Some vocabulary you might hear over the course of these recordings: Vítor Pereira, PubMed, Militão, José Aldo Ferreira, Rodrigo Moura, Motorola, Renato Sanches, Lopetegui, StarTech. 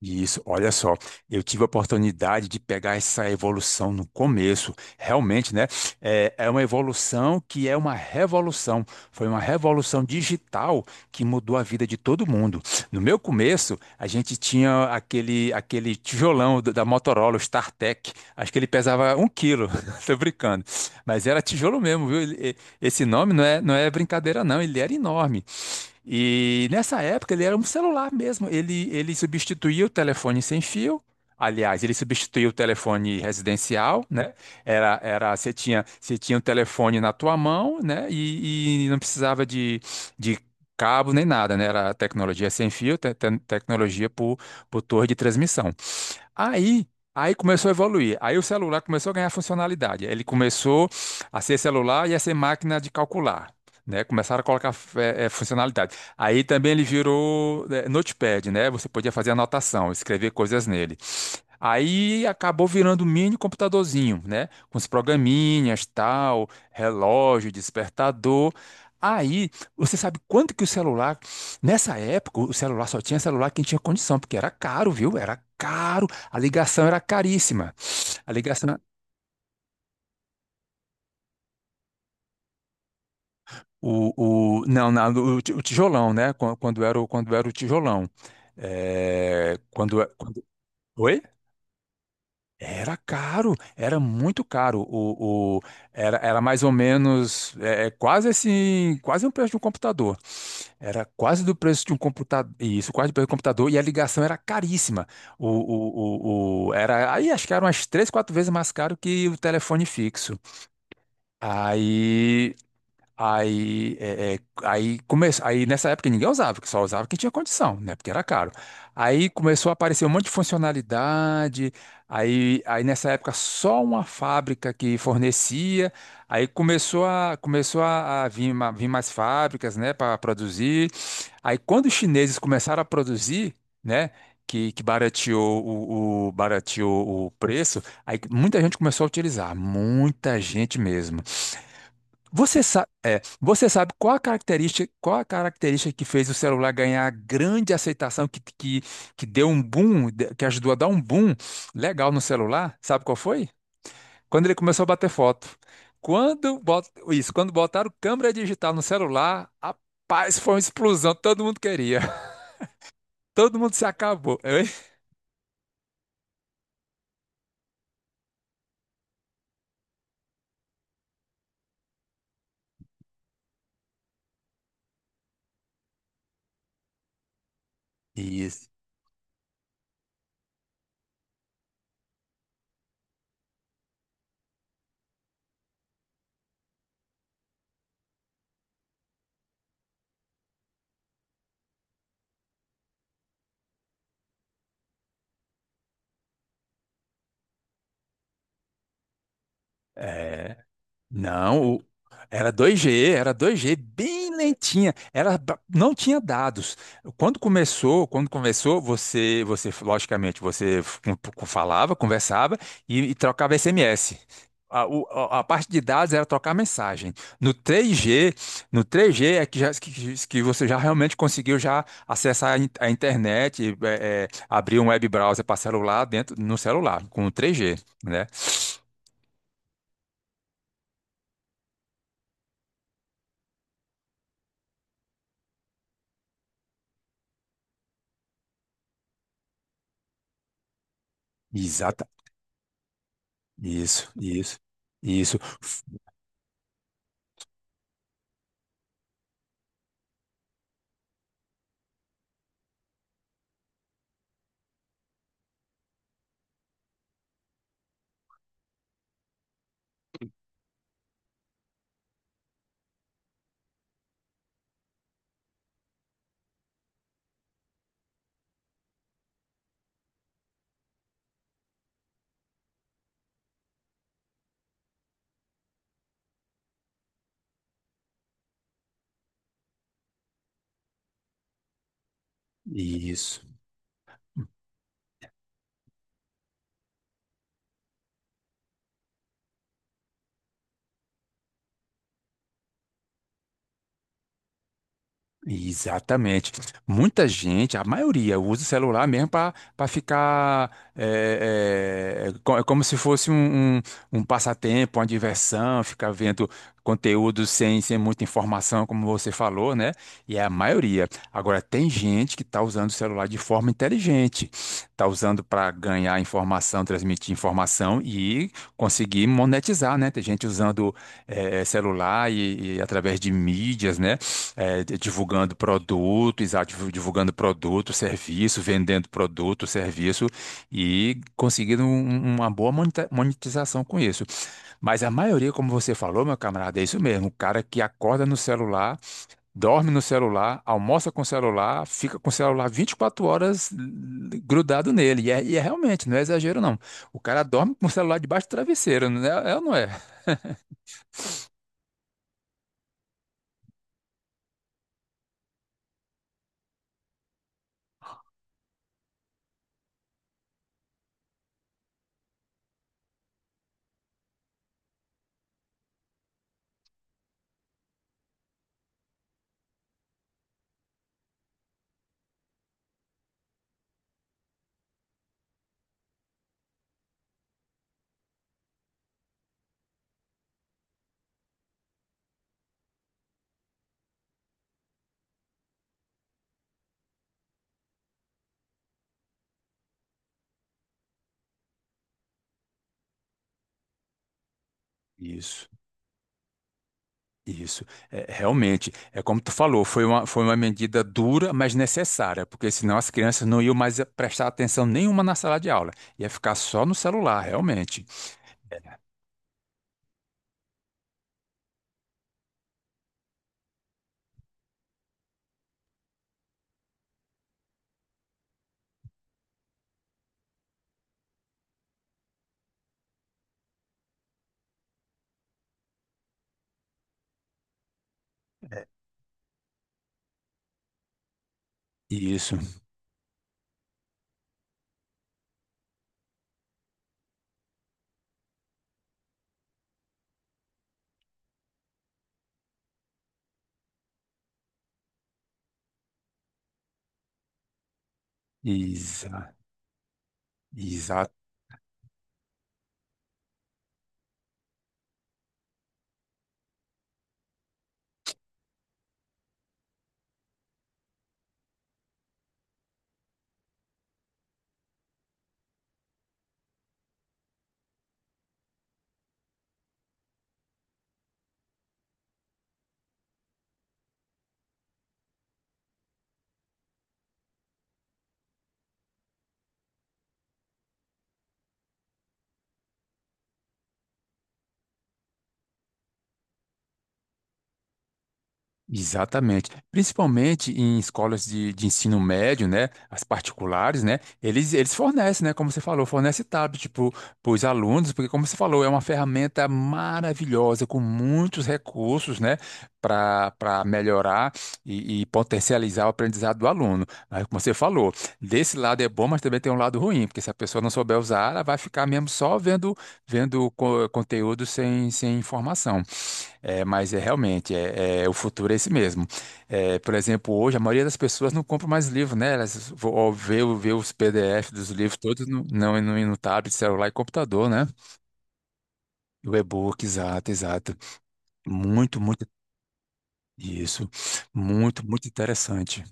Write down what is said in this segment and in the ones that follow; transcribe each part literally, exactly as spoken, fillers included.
Isso, olha só, eu tive a oportunidade de pegar essa evolução no começo, realmente, né? É, é uma evolução que é uma revolução. Foi uma revolução digital que mudou a vida de todo mundo. No meu começo, a gente tinha aquele, aquele tijolão da da Motorola, o StarTech, acho que ele pesava um quilo, tô brincando, mas era tijolo mesmo, viu? Ele- e- Esse nome não é, não é brincadeira, não, ele era enorme. E nessa época ele era um celular mesmo. Ele, ele substituía o telefone sem fio. Aliás, ele substituía o telefone residencial, né? Era, era, você tinha, você tinha o telefone na tua mão, né? E, e não precisava de, de cabo nem nada, né? Era tecnologia sem fio, te- te- tecnologia por, por torre de transmissão. Aí, aí começou a evoluir. Aí o celular começou a ganhar funcionalidade. Ele começou a ser celular e a ser máquina de calcular. Né, começaram a colocar eh, eh, funcionalidade. Aí também ele virou eh, Notepad, né? Você podia fazer anotação, escrever coisas nele. Aí acabou virando um mini computadorzinho, né? Com os programinhas, tal, relógio, despertador. Aí, você sabe quanto que o celular, nessa época, o celular só tinha celular quem tinha condição, porque era caro, viu? Era caro. A ligação era caríssima. A ligação, o, o, não, na- o, ti- o tijolão, né? Quan- Quando era o, quando era o tijolão. É, quando, quando, Oi? Era caro, era muito caro. O, o- era, era mais ou menos, é, é quase assim, quase o preço de um computador. Era quase do preço de um computador. Isso, quase do preço do computador. E a ligação era caríssima. O, o, o, o- era, aí acho que era umas três, quatro vezes mais caro que o telefone fixo. Aí Aí, é, é, aí, come... aí nessa época ninguém usava, porque só usava quem tinha condição, né? Porque era caro. Aí começou a aparecer um monte de funcionalidade. Aí, aí nessa época só uma fábrica que fornecia. Aí começou a, começou a, a vir, ma- vir mais fábricas, né, para produzir. Aí quando os chineses começaram a produzir, né, que, que barateou o, o, barateou o preço, aí muita gente começou a utilizar, muita gente mesmo. Você sabe, é, você sabe qual a característica, qual a característica que fez o celular ganhar grande aceitação, que, que, que deu um boom, de- que ajudou a dar um boom legal no celular? Sabe qual foi? Quando ele começou a bater foto. Quando bot, isso, quando botaram câmera digital no celular, rapaz, foi uma explosão, todo mundo queria. Todo mundo se acabou. Hein? Isso. Não, o- era dois g era dois g bem lentinha. Era, ba- não tinha dados. Quando começou, quando começou, você, você logicamente, você f- com- com- falava, conversava e, e trocava S M S. A, o- a- a parte de dados era trocar mensagem. No três g no três g é que, já, que, que você já realmente conseguiu já acessar a, in- a internet, é, é, abrir um web browser para celular dentro no celular com o três gê, né? Exatamente. Isso, isso, isso, isso. Exatamente. Muita gente, a maioria, usa o celular mesmo para para ficar. É, é, é co- é como se fosse um, um, um passatempo, uma diversão, ficar vendo conteúdo sem, sem muita informação, como você falou, né? E é a maioria. Agora, tem gente que está usando o celular de forma inteligente, está usando para ganhar informação, transmitir informação e conseguir monetizar, né? Tem gente usando é, celular e e através de mídias, né? É, d- divulgando produto, exato, divu- divulgando produto, serviço, vendendo produto, serviço e conseguindo um- um, uma boa moneta- monetização com isso. Mas a maioria, como você falou, meu camarada, é isso mesmo, o cara que acorda no celular, dorme no celular, almoça com o celular, fica com o celular vinte e quatro horas l- grudado nele. E é, e é realmente, não é exagero não. O cara dorme com o celular debaixo do travesseiro, não é, é ou não é? Isso. Isso, é, realmente, é como tu falou, foi uma, foi uma medida dura, mas necessária, porque senão as crianças não iam mais prestar atenção nenhuma na sala de aula, ia ficar só no celular, realmente. Isso, exa- Exatamente. Principalmente em escolas de, de ensino médio, né? As particulares, né? Eles, eles fornecem, né? Como você falou, fornece tablet tipo, para os alunos, porque, como você falou, é uma ferramenta maravilhosa, com muitos recursos, né? Para para melhorar e, e potencializar o aprendizado do aluno. Aí, como você falou, desse lado é bom, mas também tem um lado ruim, porque se a pessoa não souber usar, ela vai ficar mesmo só vendo, vendo co- conteúdo sem, sem informação. É, mas é realmente, é, é- o futuro é esse mesmo. É, por exemplo, hoje a maioria das pessoas não compra mais livro, né? Elas vo- ó, vê, o- vê os P D F dos livros todos no, não, no, no tablet, celular e computador, né? O e-book, exato, exato. Muito, muito, isso. Muito, muito interessante.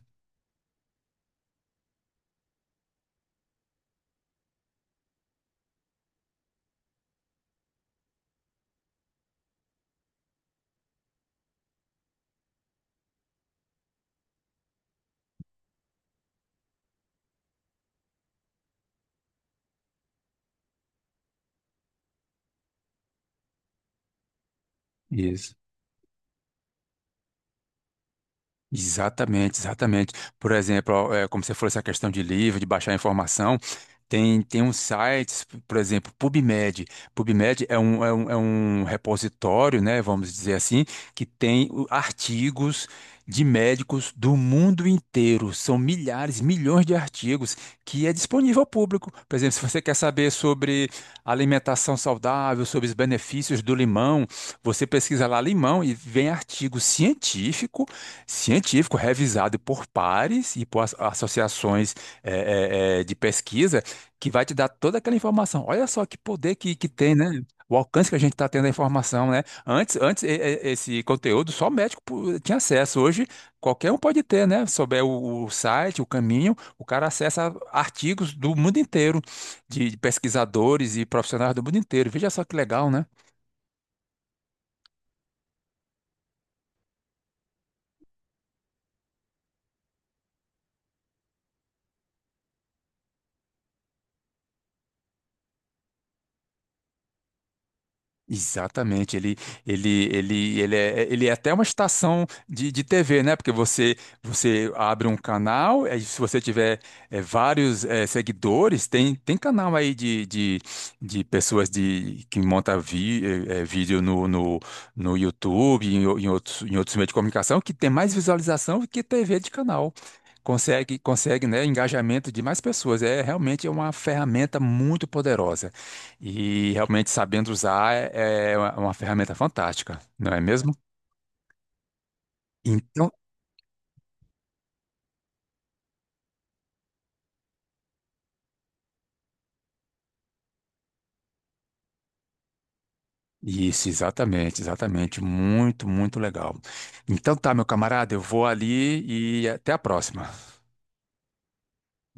Isso. Exatamente, exatamente. Por exemplo, ó, é, como você falou, essa questão de livro, de baixar informação, tem, tem uns sites, por exemplo, PubMed. PubMed é um, é um, é um repositório, né, vamos dizer assim, que tem o- artigos de médicos do mundo inteiro. São milhares, milhões de artigos que é disponível ao público. Por exemplo, se você quer saber sobre alimentação saudável, sobre os benefícios do limão, você pesquisa lá limão e vem artigo científico científico revisado por pares e por as- associações é, é, é, de pesquisa que vai te dar toda aquela informação. Olha só que poder que, que tem, né? O alcance que a gente está tendo da informação, né? Antes, antes e- e- esse conteúdo só médico pu- tinha acesso. Hoje qualquer um pode ter, né? Souber o, o site, o caminho, o cara acessa artigos do mundo inteiro, de de pesquisadores e profissionais do mundo inteiro. Veja só que legal, né? Exatamente, ele, ele, ele, ele, é, ele é até uma estação de, de tê vê, né? Porque você, você abre um canal, aí se você tiver eh, vários eh, seguidores, tem, tem canal aí de, de, de pessoas de, que montam vi, eh, eh, vídeo no, no, no YouTube, em, o- em outros, em outros meios de comunicação, que tem mais visualização do que tê vê de canal. Consegue, consegue, né, engajamento de mais pessoas. É realmente é uma ferramenta muito poderosa. E realmente sabendo usar é é uma uma ferramenta fantástica, não é mesmo? Então, isso, exatamente, exatamente. Muito, muito legal. Então tá, meu camarada, eu vou ali e até a próxima.